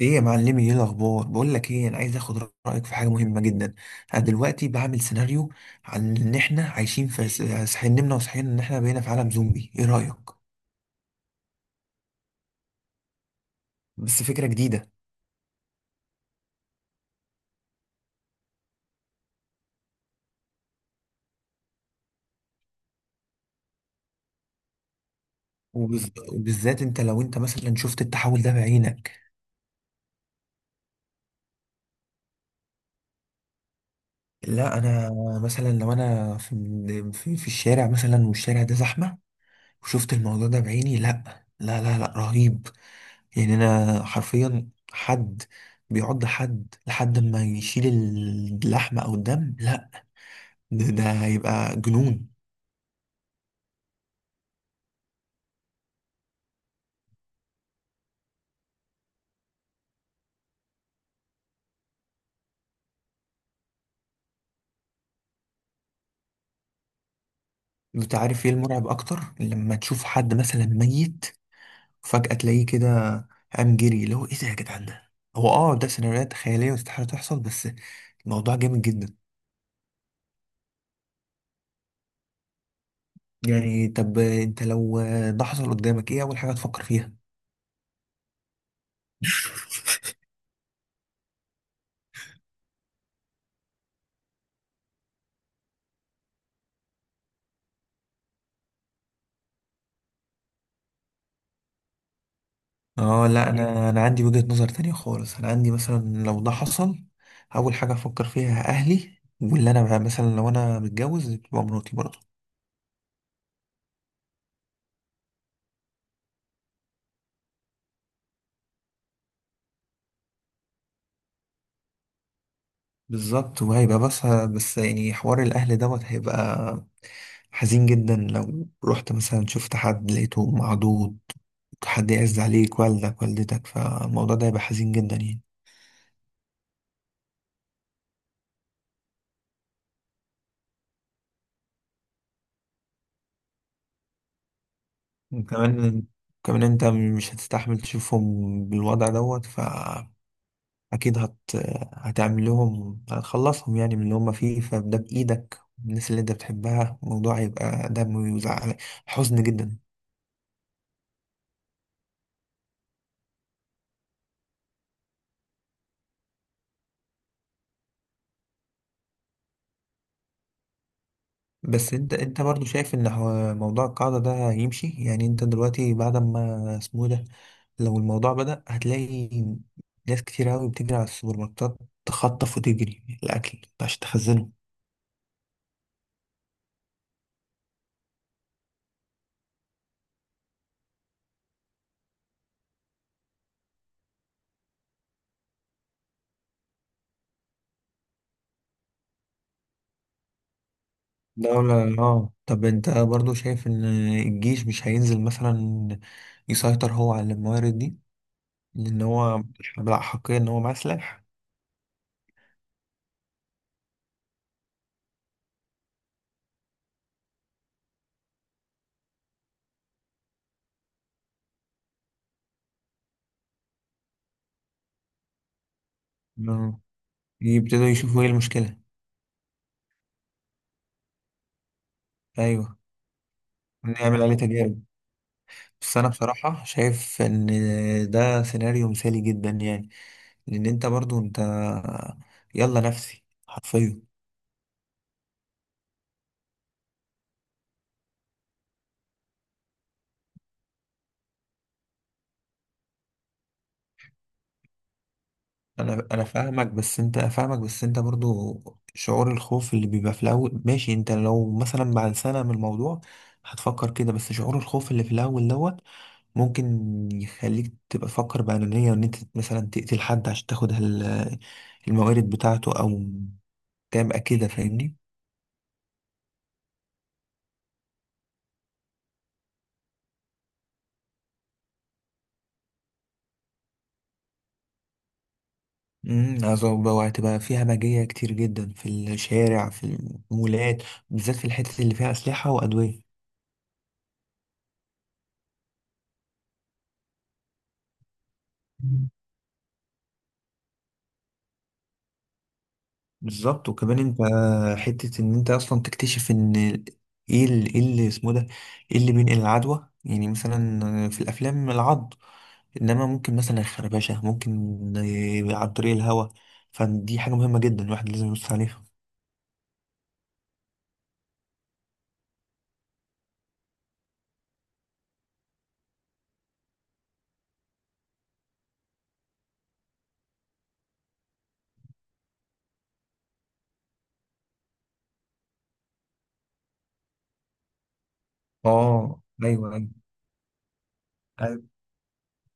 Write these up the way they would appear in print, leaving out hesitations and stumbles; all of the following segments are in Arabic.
ايه يا معلمي، ايه الاخبار؟ بقول لك ايه، انا عايز اخد رايك في حاجه مهمه جدا. انا دلوقتي بعمل سيناريو عن ان احنا عايشين في صحيح، نمنا وصحينا ان احنا بقينا في عالم زومبي، ايه رايك؟ بس فكره جديده. وبالذات انت لو انت مثلا شفت التحول ده بعينك. لا انا مثلا لو انا في في الشارع مثلا والشارع ده زحمه وشفت الموضوع ده بعيني، لا لا لا، لا رهيب. يعني انا حرفيا حد بيعض حد لحد ما يشيل اللحمة او الدم، لا ده هيبقى جنون. انت عارف ايه المرعب اكتر؟ لما تشوف حد مثلا ميت، فجأة تلاقيه كده قام جري، اللي هو ايه ده يا جدعان؟ ده هو اه ده سيناريوهات خيالية واستحالة تحصل، بس الموضوع جامد جدا. يعني طب انت لو ده حصل قدامك، ايه اول حاجة تفكر فيها؟ اه لا انا عندي وجهة نظر تانية خالص. انا عندي مثلا لو ده حصل، اول حاجة افكر فيها اهلي، واللي انا بقى مثلا لو انا متجوز تبقى مراتي برضه. بالظبط، وهيبقى بس يعني حوار الاهل دوت هيبقى حزين جدا. لو رحت مثلا شفت حد لقيته معدود، حد يعز عليك، والدك، والدتك، فالموضوع ده هيبقى حزين جدا يعني. وكمان كمان انت مش هتستحمل تشوفهم بالوضع دوت، اكيد هتعمل لهم، هتخلصهم يعني من اللي هم فيه. فده بايدك الناس اللي انت بتحبها، الموضوع هيبقى دم وزعل، حزن جدا. بس انت برضو شايف ان هو موضوع القاعدة ده يمشي؟ يعني انت دلوقتي بعد ما اسمه إيه ده، لو الموضوع بدأ هتلاقي ناس كتير قوي بتجري على السوبر ماركتات، تخطف وتجري الاكل عشان تخزنه. دولة، اه. طب انت برضو شايف ان الجيش مش هينزل مثلا يسيطر هو على الموارد دي؟ لأن هو بلا حقيا إن هو مسلح. مم. يبتدوا يشوفوا إيه المشكلة. أيوه، نعمل عليه تجارب. بس أنا بصراحة شايف إن ده سيناريو مثالي جدا يعني. لأن أنت برضو أنت يلا نفسي حرفيا. أنا فاهمك، بس أنت فاهمك، بس أنت برضو شعور الخوف اللي بيبقى في الأول ماشي. أنت لو مثلا بعد سنة من الموضوع هتفكر كده، بس شعور الخوف اللي في الأول دوت ممكن يخليك تبقى تفكر بأنانية، وإن أنت مثلا تقتل حد عشان تاخد الموارد بتاعته، أو تبقى كده. فاهمني؟ عذاب بقى، وهتبقى فيها همجية كتير جدا في الشارع، في المولات، بالذات في الحتة اللي فيها أسلحة وأدوية. مم. بالظبط. وكمان انت حتة ان انت اصلا تكتشف ان ايه ايه اللي اسمه ده، ايه اللي بينقل العدوى، يعني مثلا في الافلام العض، انما ممكن مثلا الخربشه، ممكن عن طريق الهواء. فدي حاجه مهمه جدا الواحد لازم يبص عليها. اه ايوه ايوه. أيوة.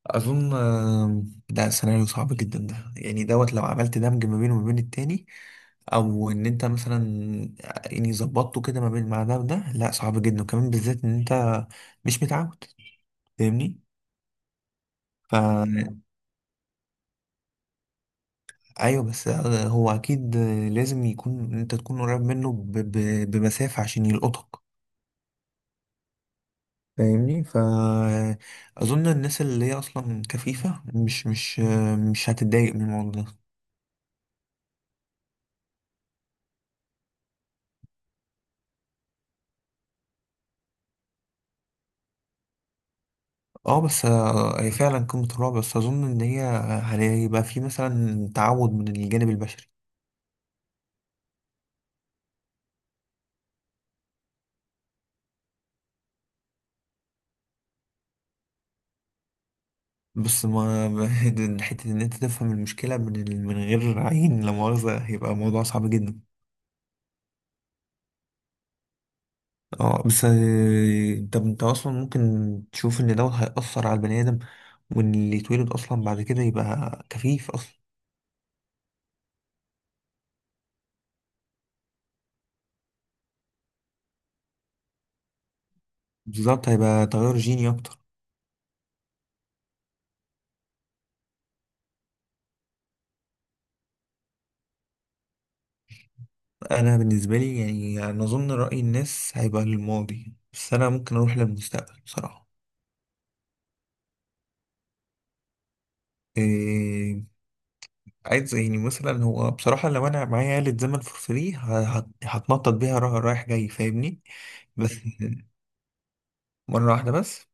اظن ده سيناريو صعب جدا. ده يعني دوت لو عملت دمج ما بينه وما بين التاني، او ان انت مثلا يعني ظبطته كده ما بين مع ده وده، لا صعب جدا، وكمان بالذات ان انت مش متعود. فاهمني؟ فا ايوه، بس هو اكيد لازم يكون انت تكون قريب منه بمسافة عشان يلقطك. فاهمني؟ ف اظن الناس اللي هي اصلا كفيفه مش مش هتتضايق من الموضوع ده. اه بس هي فعلا قمه الرعب، بس اظن ان هي هيبقى في مثلا تعود من الجانب البشري. بس حته ان انت تفهم المشكله من من غير عين لا مؤاخذه هيبقى موضوع صعب جدا. اه بس طب انت اصلا ممكن تشوف ان دوت هيأثر على البني ادم، وان اللي يتولد اصلا بعد كده يبقى كفيف اصلا. بالظبط، هيبقى تغير جيني اكتر. انا بالنسبه لي يعني انا اظن راي الناس هيبقى للماضي، بس انا ممكن اروح للمستقبل بصراحه. إيه عايز يعني مثلا، هو بصراحه لو انا معايا آلة زمن فور فري هتنطط بيها رايح جاي. فاهمني؟ بس مره واحده بس.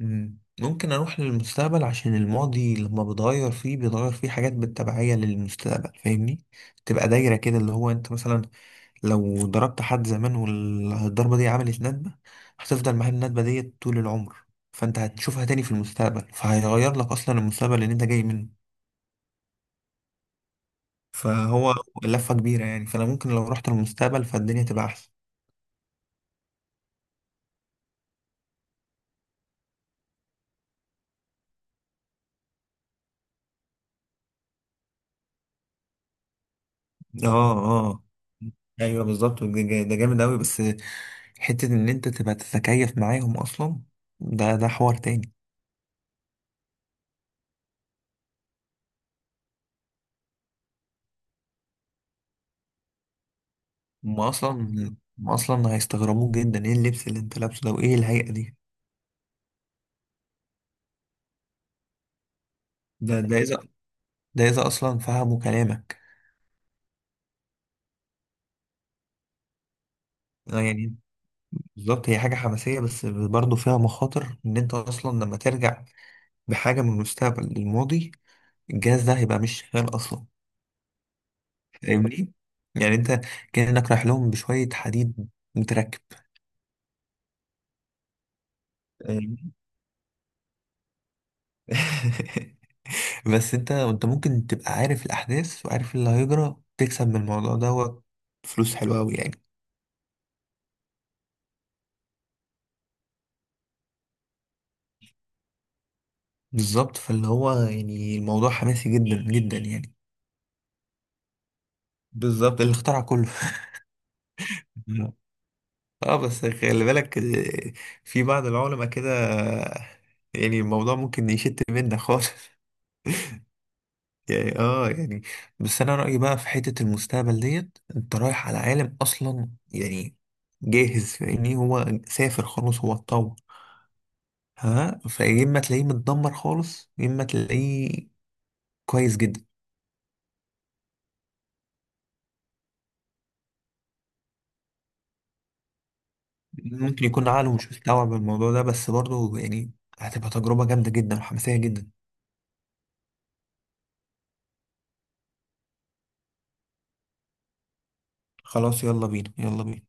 ممكن اروح للمستقبل عشان الماضي لما بتغير فيه بيتغير فيه حاجات بالتبعية للمستقبل. فاهمني؟ تبقى دايرة كده، اللي هو انت مثلا لو ضربت حد زمان والضربة دي عملت ندبة، هتفضل معاه الندبة دي طول العمر، فانت هتشوفها تاني في المستقبل، فهيغير لك اصلا المستقبل اللي انت جاي منه. فهو لفة كبيرة يعني. فانا ممكن لو رحت للمستقبل فالدنيا تبقى احسن. اه، اه، ايوه بالظبط، ده ده جامد اوي. بس حتة إن أنت تبقى تتكيف معاهم أصلا، ده حوار تاني. هما أصلا هما أصلا هيستغربوك جدا، إيه اللبس اللي أنت لابسه ده، وإيه الهيئة دي؟ ده إذا، ده إذا أصلا فهموا كلامك. آه يعني بالظبط، هي حاجة حماسية، بس برضه فيها مخاطر إن أنت أصلا لما ترجع بحاجة من المستقبل للماضي، الجهاز ده هيبقى مش شغال أصلا. فاهمني؟ يعني أنت كأنك رايح لهم بشوية حديد متركب. فاهمني؟ بس انت ممكن تبقى عارف الاحداث وعارف اللي هيجرى، تكسب من الموضوع دوت فلوس حلوه قوي يعني. بالظبط، فاللي هو يعني الموضوع حماسي جدا جدا يعني. بالظبط، اللي اخترع كله. اه بس خلي بالك، في بعض العلماء كده، آه، يعني الموضوع ممكن يشت منك خالص. يعني اه يعني، بس انا رأيي بقى في حتة المستقبل ديت، انت رايح على عالم اصلا يعني جاهز، فاهمني؟ هو سافر خلاص، هو اتطور. ها فيا اما تلاقيه متدمر خالص، يا اما تلاقيه كويس جدا. ممكن يكون عقله مش مستوعب الموضوع ده، بس برضه يعني هتبقى تجربة جامدة جدا وحماسية جدا. خلاص يلا بينا يلا بينا.